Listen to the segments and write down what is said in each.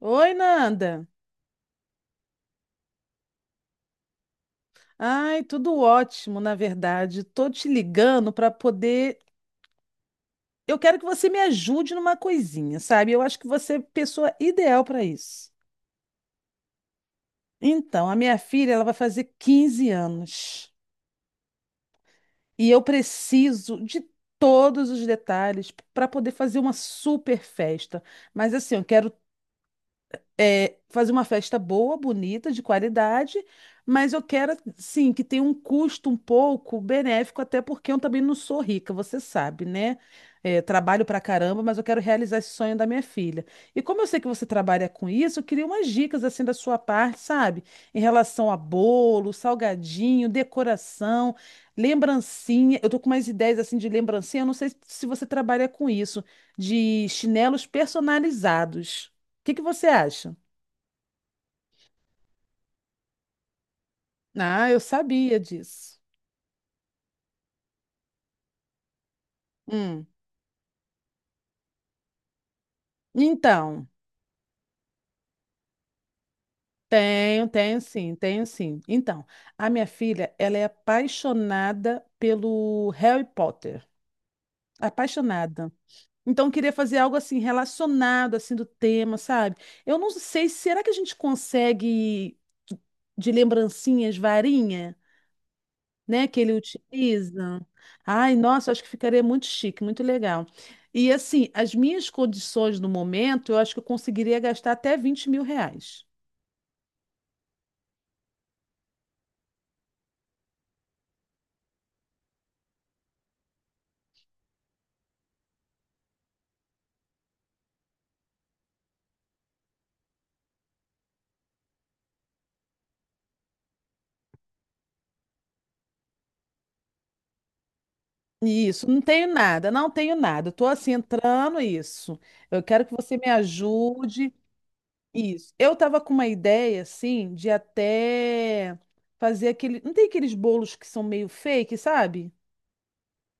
Oi, Nanda. Ai, tudo ótimo, na verdade. Tô te ligando para poder. Eu quero que você me ajude numa coisinha, sabe? Eu acho que você é a pessoa ideal para isso. Então, a minha filha, ela vai fazer 15 anos e eu preciso de todos os detalhes para poder fazer uma super festa. Mas assim, eu quero fazer uma festa boa, bonita, de qualidade, mas eu quero, sim, que tenha um custo um pouco benéfico, até porque eu também não sou rica, você sabe, né? É, trabalho pra caramba, mas eu quero realizar esse sonho da minha filha. E como eu sei que você trabalha com isso, eu queria umas dicas assim da sua parte, sabe? Em relação a bolo, salgadinho, decoração, lembrancinha. Eu tô com umas ideias assim de lembrancinha, eu não sei se você trabalha com isso, de chinelos personalizados. O que que você acha? Ah, eu sabia disso. Hum. Então, tenho sim. Então, a minha filha, ela é apaixonada pelo Harry Potter. Apaixonada. Então, eu queria fazer algo assim relacionado assim do tema, sabe? Eu não sei, será que a gente consegue de lembrancinhas, varinha? Né, que ele utiliza. Ai, nossa, acho que ficaria muito chique, muito legal. E assim, as minhas condições no momento, eu acho que eu conseguiria gastar até 20 mil reais. Isso, não tenho nada, não tenho nada. Estou assim entrando isso. Eu quero que você me ajude. Isso. Eu estava com uma ideia assim de até fazer aquele, não tem aqueles bolos que são meio fake, sabe?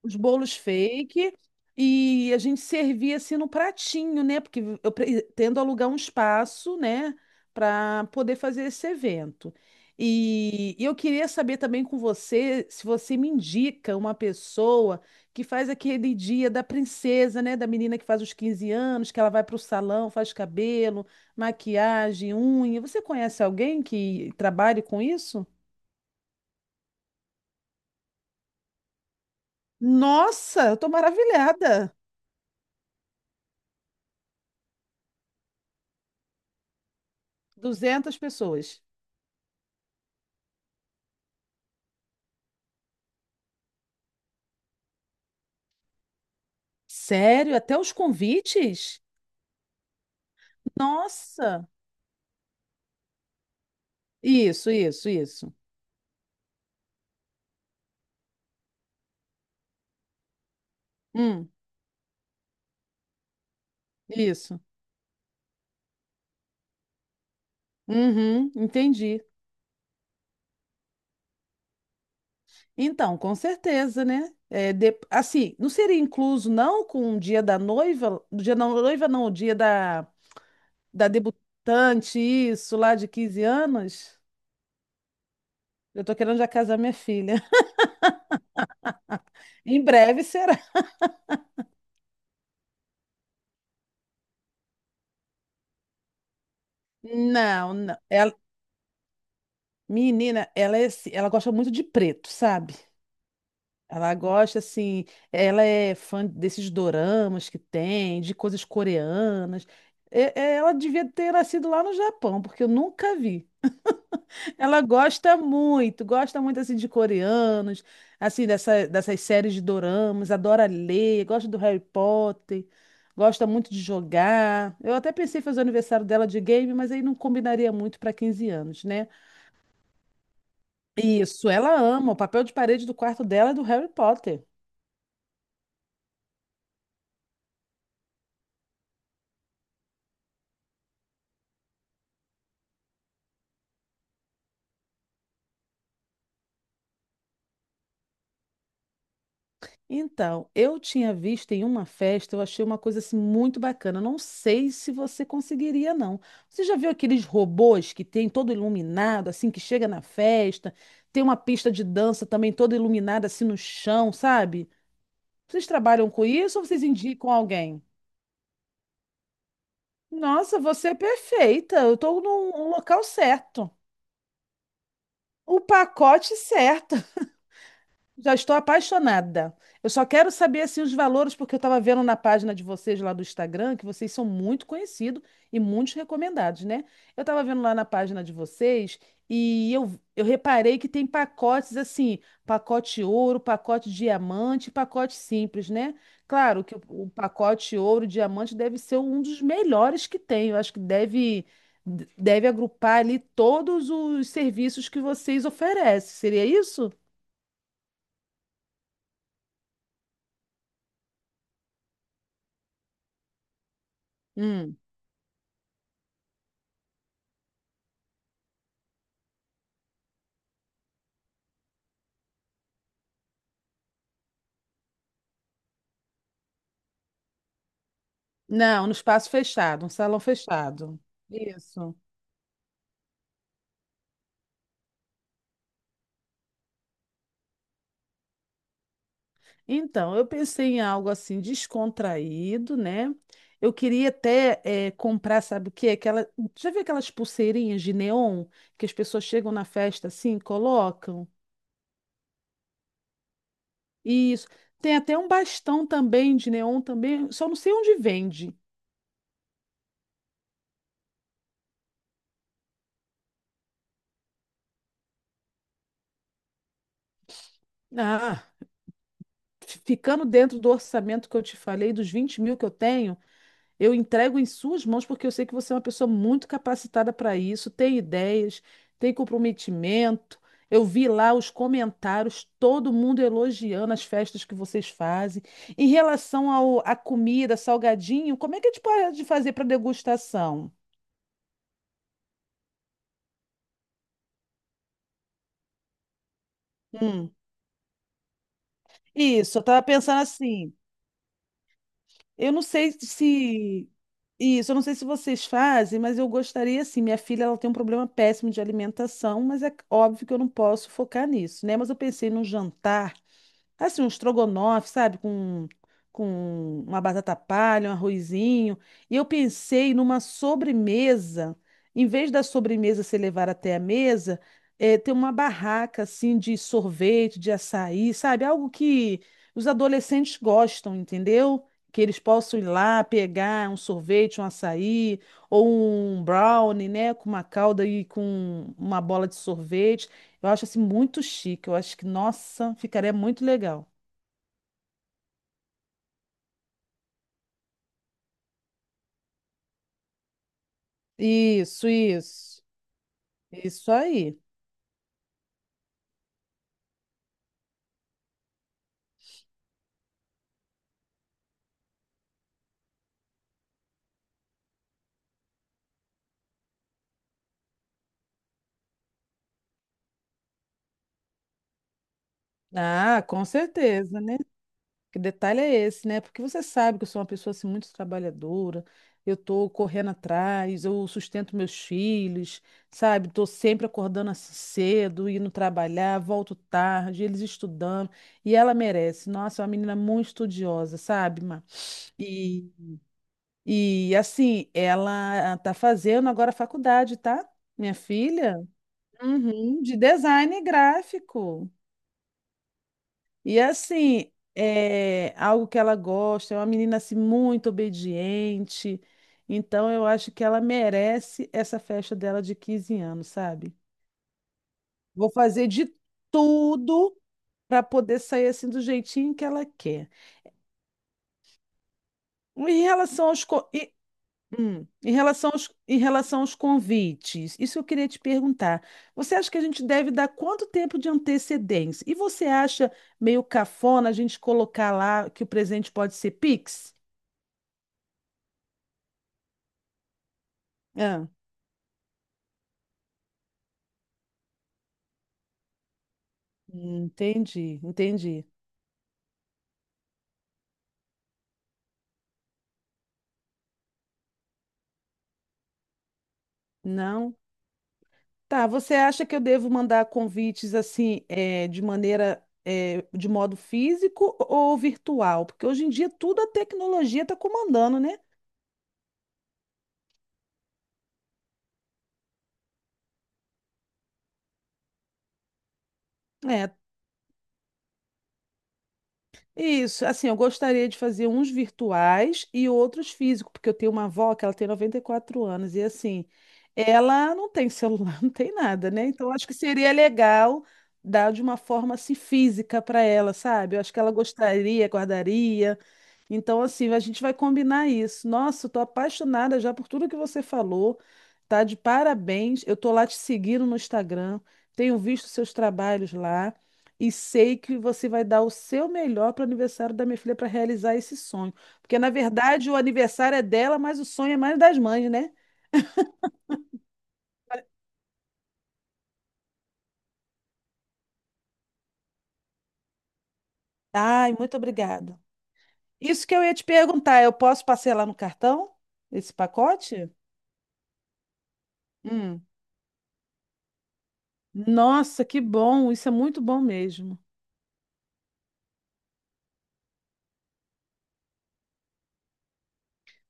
Os bolos fake e a gente servia assim no pratinho, né? Porque eu pretendo alugar um espaço, né, para poder fazer esse evento. E eu queria saber também com você se você me indica uma pessoa que faz aquele dia da princesa, né, da menina que faz os 15 anos, que ela vai para o salão, faz cabelo, maquiagem, unha. Você conhece alguém que trabalhe com isso? Nossa, eu tô maravilhada. 200 pessoas. Sério? Até os convites? Nossa! Isso, isso, isso. Hum, isso. Uhum, entendi. Então, com certeza, né? Assim, não seria incluso, não, com o dia da noiva? O dia da noiva, não, o dia da, da debutante, isso, lá de 15 anos? Eu tô querendo já casar minha filha. Em breve será. Não, não. Menina, ela, ela gosta muito de preto, sabe? Ela gosta, assim, ela é fã desses doramas que tem, de coisas coreanas. Ela devia ter nascido lá no Japão, porque eu nunca vi. Ela gosta muito, assim, de coreanos, assim, dessas séries de doramas, adora ler, gosta do Harry Potter, gosta muito de jogar. Eu até pensei em fazer o aniversário dela de game, mas aí não combinaria muito para 15 anos, né? Isso, ela ama. O papel de parede do quarto dela é do Harry Potter. Então, eu tinha visto em uma festa, eu achei uma coisa assim muito bacana. Não sei se você conseguiria, não. Você já viu aqueles robôs que tem todo iluminado, assim, que chega na festa? Tem uma pista de dança também toda iluminada, assim, no chão, sabe? Vocês trabalham com isso ou vocês indicam alguém? Nossa, você é perfeita. Eu estou no local certo. O pacote certo. Já estou apaixonada. Eu só quero saber assim os valores, porque eu estava vendo na página de vocês lá do Instagram que vocês são muito conhecidos e muito recomendados, né? Eu estava vendo lá na página de vocês e eu reparei que tem pacotes assim, pacote ouro, pacote diamante, pacote simples, né? Claro que o pacote ouro, diamante deve ser um dos melhores que tem. Eu acho que deve agrupar ali todos os serviços que vocês oferecem. Seria isso? Hum. Não, no espaço fechado, um salão fechado. Isso. Então, eu pensei em algo assim descontraído, né? Eu queria até comprar, sabe o quê? Aquela, já viu aquelas pulseirinhas de neon que as pessoas chegam na festa assim, colocam? Isso. Tem até um bastão também de neon também, só não sei onde vende. Ah, ficando dentro do orçamento que eu te falei, dos 20 mil que eu tenho, eu entrego em suas mãos porque eu sei que você é uma pessoa muito capacitada para isso, tem ideias, tem comprometimento. Eu vi lá os comentários, todo mundo elogiando as festas que vocês fazem. Em relação à comida, salgadinho, como é que a gente pode fazer para degustação? Hum, isso, eu estava pensando assim. Eu não sei se isso, eu não sei se vocês fazem, mas eu gostaria assim, minha filha ela tem um problema péssimo de alimentação, mas é óbvio que eu não posso focar nisso, né? Mas eu pensei num jantar. Assim, um estrogonofe, sabe? Com uma batata palha, um arrozinho. E eu pensei numa sobremesa. Em vez da sobremesa ser levar até a mesa, ter uma barraca, assim, de sorvete, de açaí, sabe? Algo que os adolescentes gostam, entendeu? Que eles possam ir lá pegar um sorvete, um açaí, ou um brownie, né? Com uma calda e com uma bola de sorvete. Eu acho assim muito chique. Eu acho que, nossa, ficaria muito legal. Isso, isso. Isso aí. Ah, com certeza, né? Que detalhe é esse, né? Porque você sabe que eu sou uma pessoa assim muito trabalhadora. Eu tô correndo atrás, eu sustento meus filhos, sabe? Tô sempre acordando assim cedo, indo trabalhar, volto tarde, eles estudando. E ela merece. Nossa, é uma menina muito estudiosa, sabe, Má? E assim, ela tá fazendo agora a faculdade, tá? Minha filha, uhum, de design gráfico. E assim, é algo que ela gosta, é uma menina assim muito obediente. Então eu acho que ela merece essa festa dela de 15 anos, sabe? Vou fazer de tudo para poder sair assim do jeitinho que ela quer. Em relação aos co- e- em relação aos convites, isso eu queria te perguntar. Você acha que a gente deve dar quanto tempo de antecedência? E você acha meio cafona a gente colocar lá que o presente pode ser Pix? Ah, entendi, entendi. Não? Tá, você acha que eu devo mandar convites assim, de maneira, de modo físico ou virtual? Porque hoje em dia tudo a tecnologia está comandando, né? É, Isso, assim, eu gostaria de fazer uns virtuais e outros físicos, porque eu tenho uma avó que ela tem 94 anos e assim, ela não tem celular, não tem nada, né? Então acho que seria legal dar de uma forma assim física para ela, sabe? Eu acho que ela gostaria, guardaria. Então, assim, a gente vai combinar isso. Nossa, eu tô apaixonada já por tudo que você falou. Tá de parabéns. Eu tô lá te seguindo no Instagram, tenho visto seus trabalhos lá e sei que você vai dar o seu melhor para o aniversário da minha filha para realizar esse sonho. Porque, na verdade, o aniversário é dela, mas o sonho é mais das mães, né? Ai, muito obrigada. Isso que eu ia te perguntar, eu posso parcelar no cartão esse pacote? Hum. Nossa, que bom! Isso é muito bom mesmo.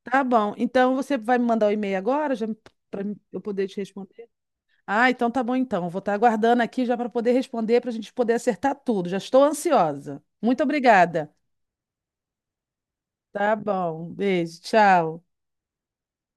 Tá bom. Então você vai me mandar o e-mail agora, já para eu poder te responder. Ah, então tá bom então. Vou estar aguardando aqui já para poder responder, para a gente poder acertar tudo. Já estou ansiosa. Muito obrigada. Tá bom. Beijo. Tchau.